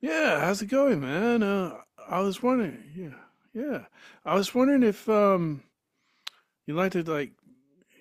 Yeah, how's it going, man? I was wondering, yeah, yeah. I was wondering if you'd like to like,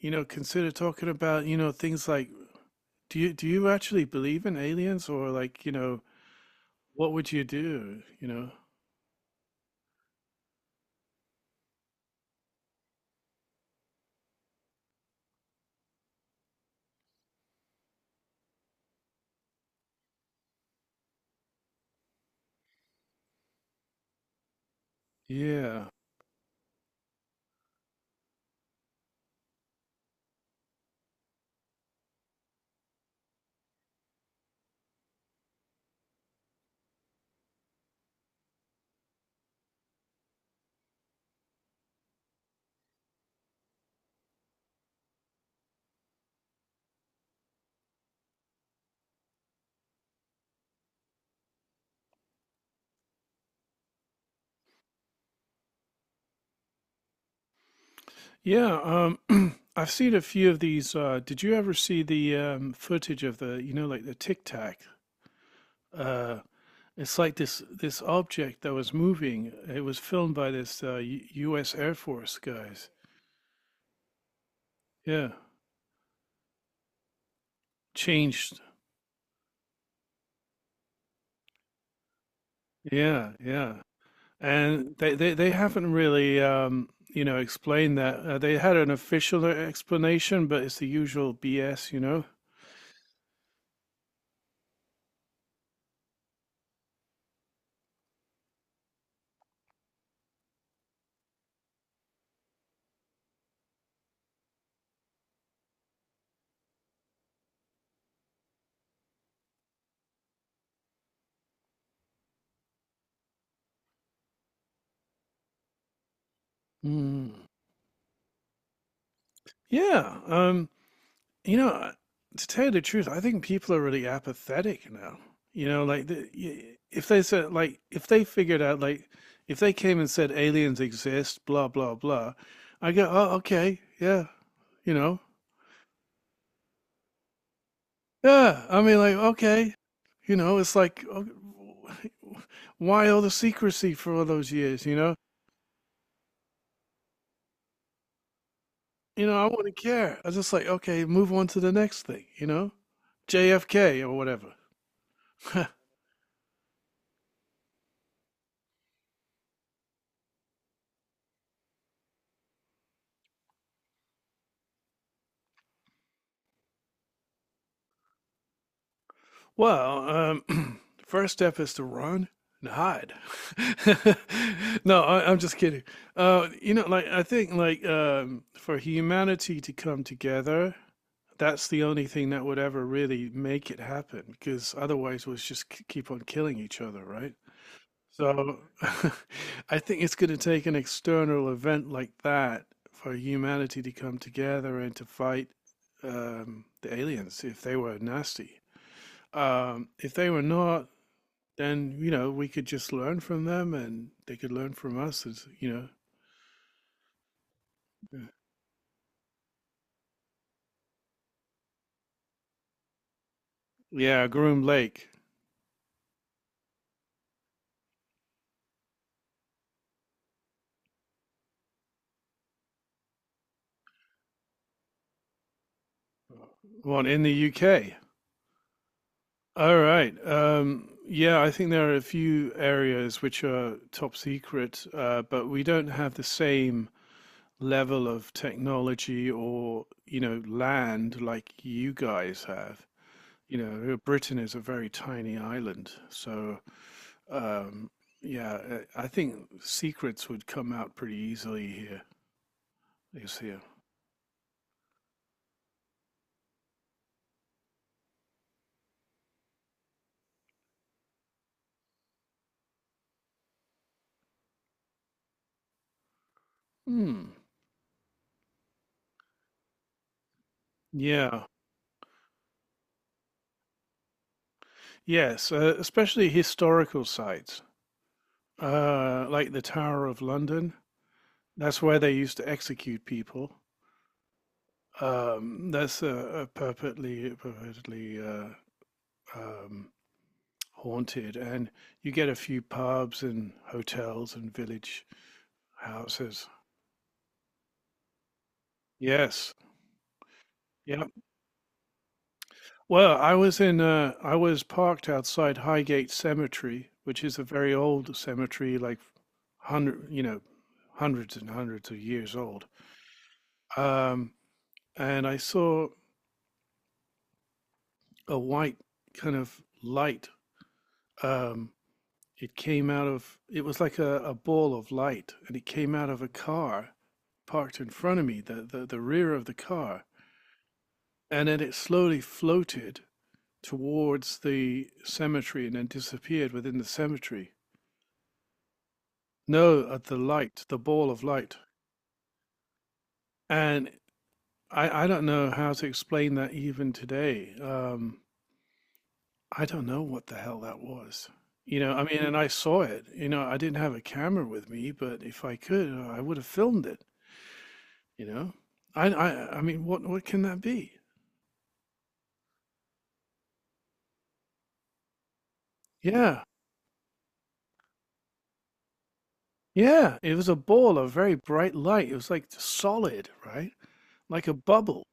consider talking about, things like do you actually believe in aliens or like, what would you do? Yeah. Yeah, I've seen a few of these did you ever see the footage of the, like the Tic Tac? Uh it's like this object that was moving. It was filmed by this U US Air Force guys. Yeah. Changed. Yeah, yeah. And they haven't really, explained that. They had an official explanation, but it's the usual BS, you know? Mm. Yeah. You know, uh, to tell you the truth, I think people are really apathetic now. You know, like if they said, like, if they figured out, like, if they came and said aliens exist, blah, blah, blah, I go, oh, okay, yeah, you know, yeah, I mean, like, okay, it's like, why all the secrecy for all those years? I wouldn't care. I was just like, okay, move on to the next thing. JFK or whatever. Well, the first step is to run and hide. No, I'm just kidding. Like I think, like for humanity to come together, that's the only thing that would ever really make it happen. Because otherwise, we'll just keep on killing each other, right? So, I think it's going to take an external event like that for humanity to come together and to fight the aliens if they were nasty. If they were not, then we could just learn from them, and they could learn from us. As you know, Yeah. yeah, Groom Lake, one in the UK. All right. Yeah, I think there are a few areas which are top secret, but we don't have the same level of technology or land like you guys have. Britain is a very tiny island. So, Um, yeah, I think secrets would come out pretty easily here, is here. Hmm. Yeah. Yes, especially historical sites, like the Tower of London. That's where they used to execute people. That's purportedly uh, um, haunted, and you get a few pubs and hotels and village houses. Yes. Yeah. Well, I was in I was parked outside Highgate Cemetery, which is a very old cemetery, like hundred, you know, hundreds and hundreds of years old. Um, and I saw a white kind of light. Um, it came out of it was like a ball of light, and it came out of a car parked in front of me, the rear of the car, and then it slowly floated towards the cemetery and then disappeared within the cemetery. No, at the light, the ball of light. And I don't know how to explain that even today. I don't know what the hell that was. I mean, and I saw it. I didn't have a camera with me, but if I could, I would have filmed it, you know? I mean, what can that be? Yeah, yeah. It was a ball of very bright light. It was like solid, right? Like a bubble.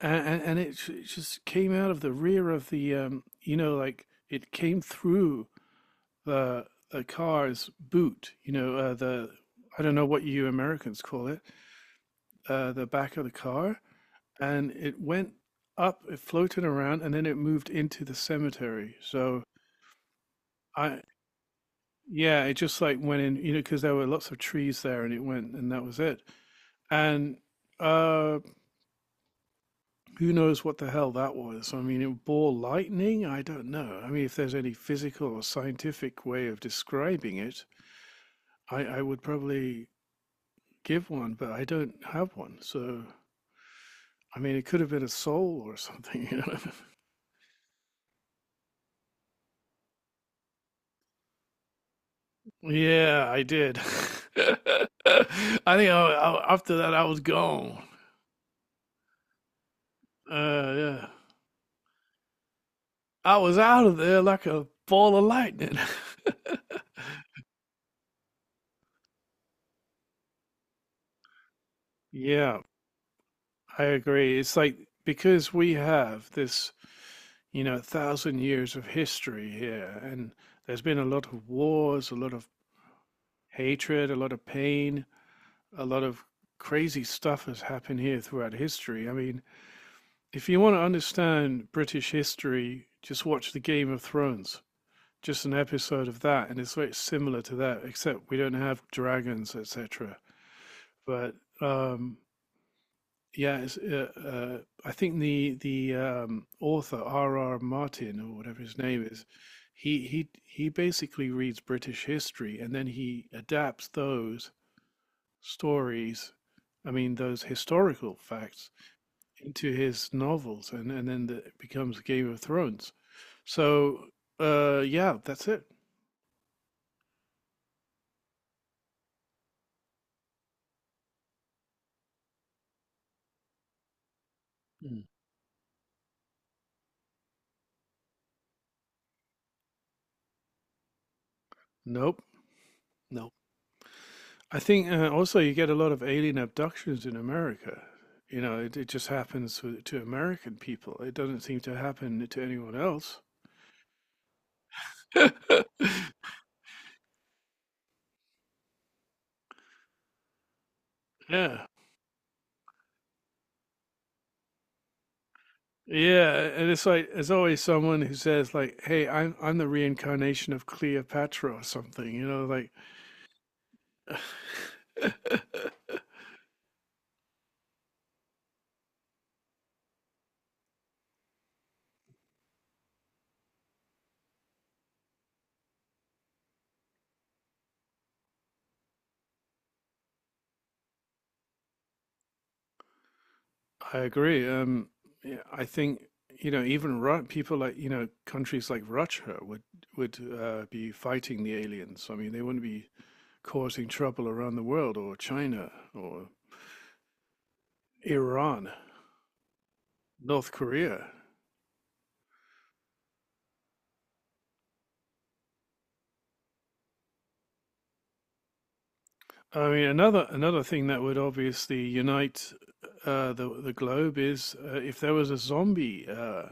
And it just came out of the rear of the, like it came through the the car's boot. You know, the I don't know what you Americans call it, the back of the car, and it went up, it floated around, and then it moved into the cemetery. So I, yeah, it just like went in, because there were lots of trees there, and it went, and that was it. And uh, who knows what the hell that was? I mean, it bore lightning. I don't know. I mean, if there's any physical or scientific way of describing it, I would probably give one, but I don't have one. So, I mean, it could have been a soul or something. You know? Yeah, I did. I think after that, I was gone. Yeah, I was out of there like a ball of lightning. Yeah, I agree. It's like because we have this, thousand years of history here, and there's been a lot of wars, a lot of hatred, a lot of pain. A lot of crazy stuff has happened here throughout history. I mean, if you want to understand British history, just watch the Game of Thrones, just an episode of that, and it's very similar to that, except we don't have dragons, etc. But um, yeah, it's, I think the author R. R. Martin or whatever his name is, he basically reads British history and then he adapts those stories, I mean those historical facts, into his novels, and then it becomes Game of Thrones. So yeah, that's it. Mm. Nope, nope. I think also you get a lot of alien abductions in America. It just happens to American people. It doesn't seem to happen to anyone else. Yeah. Yeah, and it's like there's always someone who says like, "Hey, I'm the reincarnation of Cleopatra or something," I agree. Yeah, I think even Ru people like countries like Russia would be fighting the aliens. I mean, they wouldn't be causing trouble around the world, or China, or Iran, North Korea. I mean, another thing that would obviously unite the globe is if there was a zombie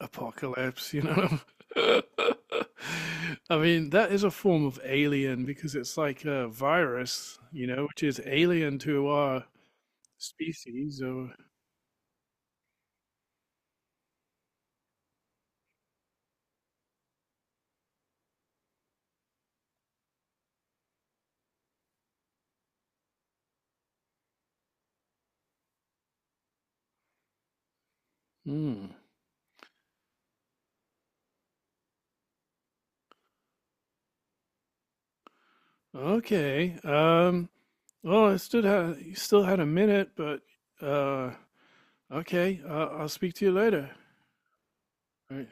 apocalypse. I mean, that is a form of alien because it's like a virus, which is alien to our species. Or Hmm. Okay, well, I stood had you still had a minute, but uh, okay, I'll speak to you later. All right.